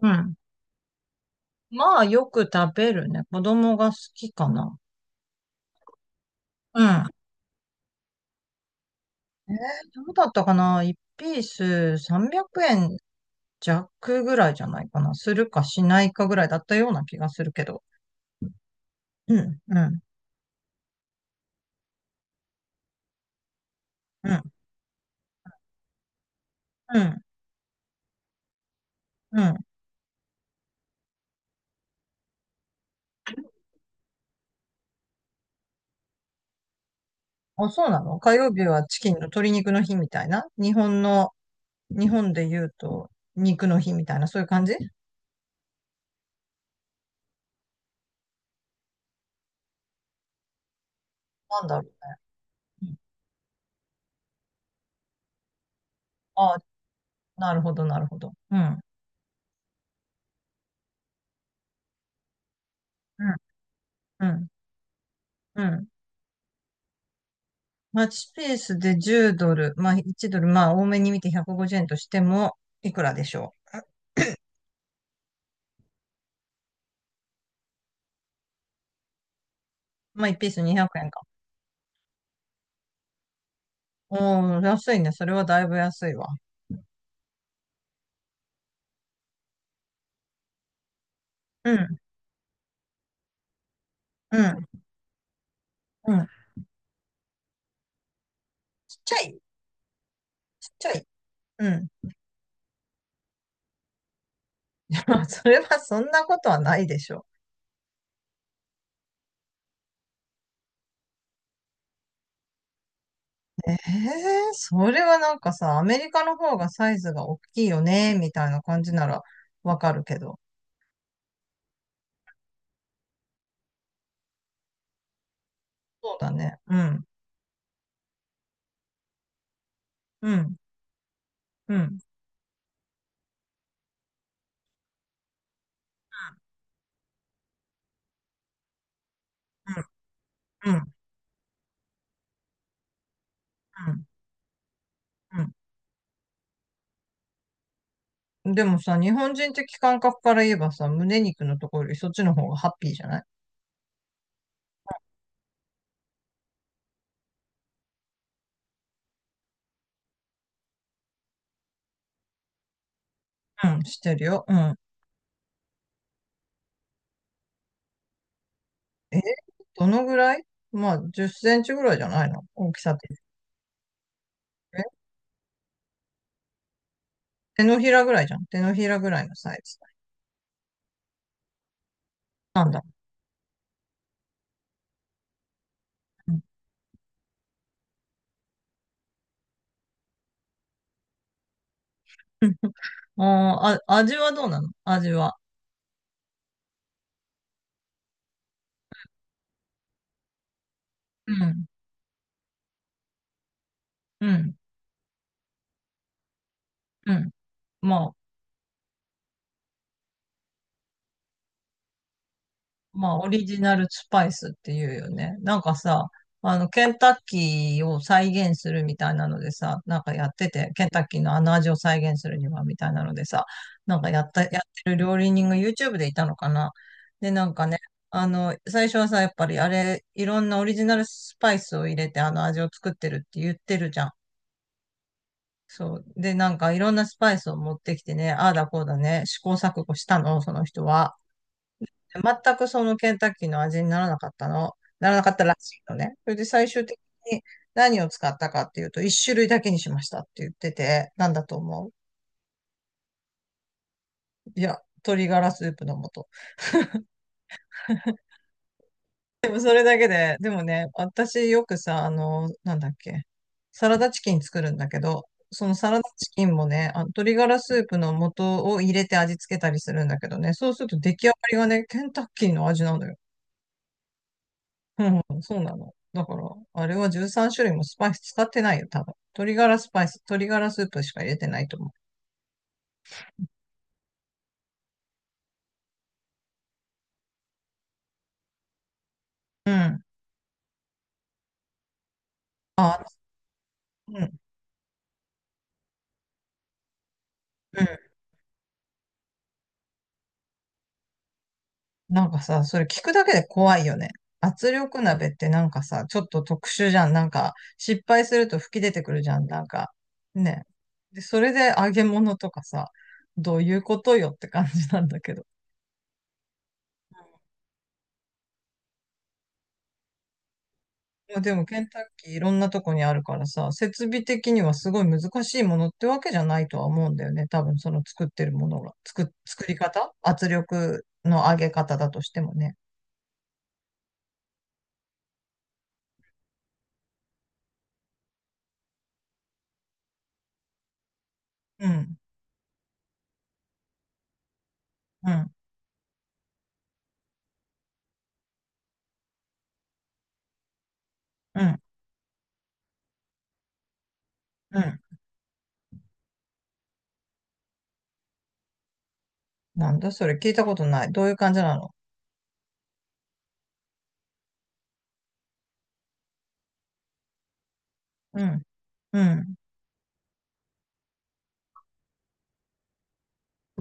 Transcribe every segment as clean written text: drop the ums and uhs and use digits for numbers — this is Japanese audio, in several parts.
うん。まあ、よく食べるね。子供が好きかな。うん。えー、どうだったかな ?1 ピース300円弱ぐらいじゃないかな。するかしないかぐらいだったような気がするけど。うん、うん、うん、うん、うん。あ、そうなの？火曜日はチキンの鶏肉の日みたいな日本の、日本で言うと肉の日みたいな、そういう感じ。なんだろうね。うん、あ、なるほど、なるほど。うん、うん、うん、うん。マッチペースで10ドル、まあ1ドル、まあ多めに見て150円としても、いくらでしょう。まあ1ピース200円か。おー、安いね。それはだいぶ安いわ。うん、うん、うん。ちっちゃい、ちっちゃい。うん。まあ、それはそんなことはないでしょう。ええ、それはなんかさ、アメリカの方がサイズが大きいよね、みたいな感じならわかるけど。そうだね。うん、うん、うん、うん、うん、うん、うん。うん、でもさ、日本人的感覚から言えばさ、胸肉のところよりそっちの方がハッピーじゃない？うん、してるよ。うん。え、どのぐらい？まあ、10センチぐらいじゃないの、大きさって。え、手のひらぐらいじゃん。手のひらぐらいのサイズ。なんだ。うん。うん、あー、あ、味はどうなの、味は。うん。うん。うん。まあ、まあ、オリジナルスパイスっていうよね。なんかさ、あの、ケンタッキーを再現するみたいなのでさ、なんかやってて、ケンタッキーのあの味を再現するには、みたいなのでさ、やってる料理人が YouTube でいたのかな。で、なんかね、あの、最初はさ、やっぱりあれ、いろんなオリジナルスパイスを入れて、あの味を作ってるって言ってるじゃん。そう。で、なんかいろんなスパイスを持ってきてね、ああだこうだね、試行錯誤したの、その人は。全くそのケンタッキーの味にならなかったの、ならなかったらしいのね。それで最終的に何を使ったかっていうと、一種類だけにしましたって言ってて、なんだと思う？いや、鶏ガラスープの素。でもそれだけで、でもね、私よくさ、あの、なんだっけ、サラダチキン作るんだけど、そのサラダチキンもね、あの鶏ガラスープの素を入れて味付けたりするんだけどね、そうすると出来上がりがね、ケンタッキーの味なのよ。うん、そうなの。だから、あれは13種類もスパイス使ってないよ、多分。鶏ガラスパイス、鶏ガラスープしか入れてないと思う。うん、あ、うん、うん。なんかさ、それ聞くだけで怖いよね。圧力鍋ってなんかさ、ちょっと特殊じゃん。なんか、失敗すると吹き出てくるじゃん。なんか、ね。で、それで揚げ物とかさ、どういうことよって感じなんだけど。いや、でもケンタッキーいろんなとこにあるからさ、設備的にはすごい難しいものってわけじゃないとは思うんだよね。多分その作ってるものが、作り方、圧力の上げ方だとしてもね。うん、うん、うん、うん。なんだそれ、聞いたことない。どういう感じなの？うん、うん、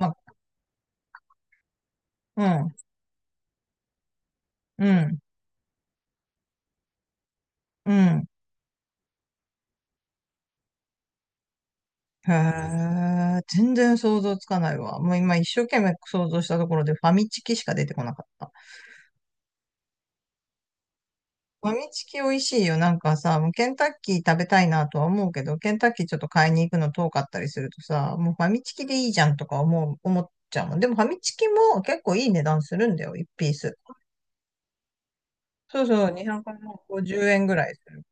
ま、うん、うん、うん。へえ、全然想像つかないわ。もう今一生懸命想像したところでファミチキしか出てこなかった。ファミチキ美味しいよ。なんかさ、もうケンタッキー食べたいなとは思うけど、ケンタッキーちょっと買いに行くの遠かったりするとさ、もうファミチキでいいじゃんとか思っちゃうもん。でもファミチキも結構いい値段するんだよ、1ピース。そうそう、250円ぐらいする。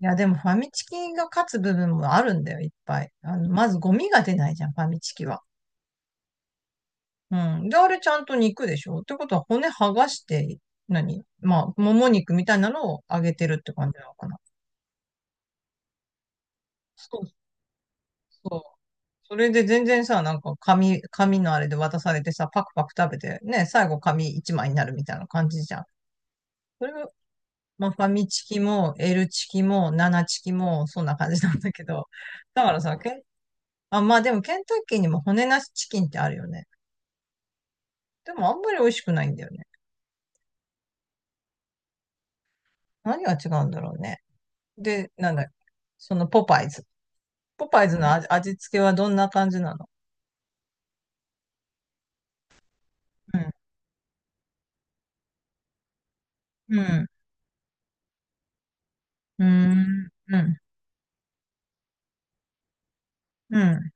いや、でもファミチキが勝つ部分もあるんだよ、いっぱい。あの、まずゴミが出ないじゃん、ファミチキは。うん。で、あれちゃんと肉でしょってことは骨剥がして、何、まあ、もも肉みたいなのを揚げてるって感じなのかな。そうそう。それで全然さ、紙のあれで渡されてさ、パクパク食べて、ね、最後紙一枚になるみたいな感じじゃん。それが、まあ、ファミチキも、L チキも、7チキも、そんな感じなんだけど。だからさ、あ、まあでもケンタッキーにも骨なしチキンってあるよね。でもあんまり美味しくないんだよね。何が違うんだろうね。で、なんだっけ、そのポパイズ。ポパイズの味、味付けはどんな感じなの？うん、うん、うん、うん、うん、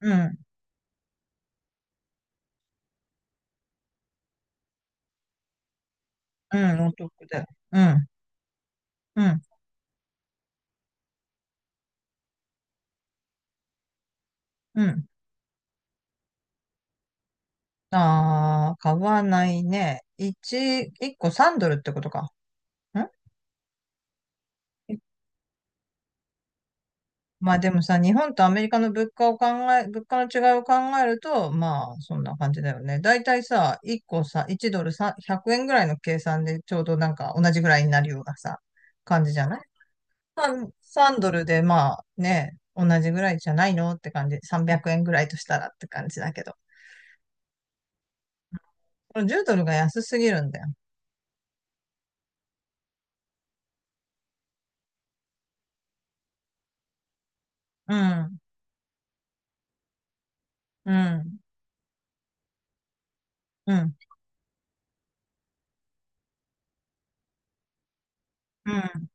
うん、うん、お得だよ。うん、うん。うん。ああ、買わないね。一個3ドルってことか。ん、まあでもさ、日本とアメリカの物価を物価の違いを考えると、まあそんな感じだよね。だいたいさ、1個さ、1ドルさ、100円ぐらいの計算でちょうどなんか同じぐらいになるようなさ、感じじゃない ?3、3ドルでまあね、同じぐらいじゃないのって感じ。300円ぐらいとしたらって感じだけど。これ10ドルが安すぎるんだよ。うん、うん、うん、うん。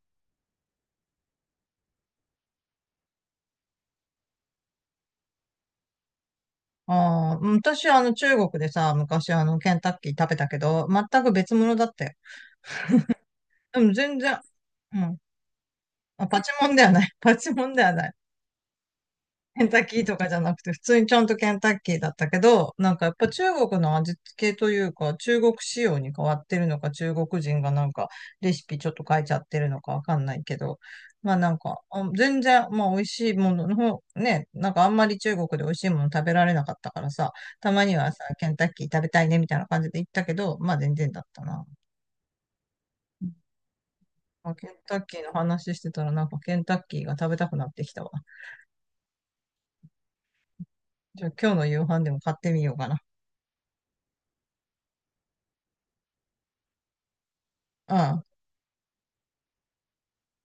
ああ、うん、私、あの、中国でさ、昔、あの、ケンタッキー食べたけど、全く別物だったよ。うん、全然、うん。あ、パチモンではない。パチモンではない。ケンタッキーとかじゃなくて、普通にちゃんとケンタッキーだったけど、なんかやっぱ中国の味付けというか、中国仕様に変わってるのか、中国人がなんかレシピちょっと変えちゃってるのかわかんないけど、まあなんか、あ、全然、まあ美味しいものの方、ね、なんかあんまり中国で美味しいもの食べられなかったからさ、たまにはさ、ケンタッキー食べたいねみたいな感じで行ったけど、まあ全然だったな。まあケンタッキーの話してたらなんかケンタッキーが食べたくなってきたわ。じゃあ今日の夕飯でも買ってみようかな。うん。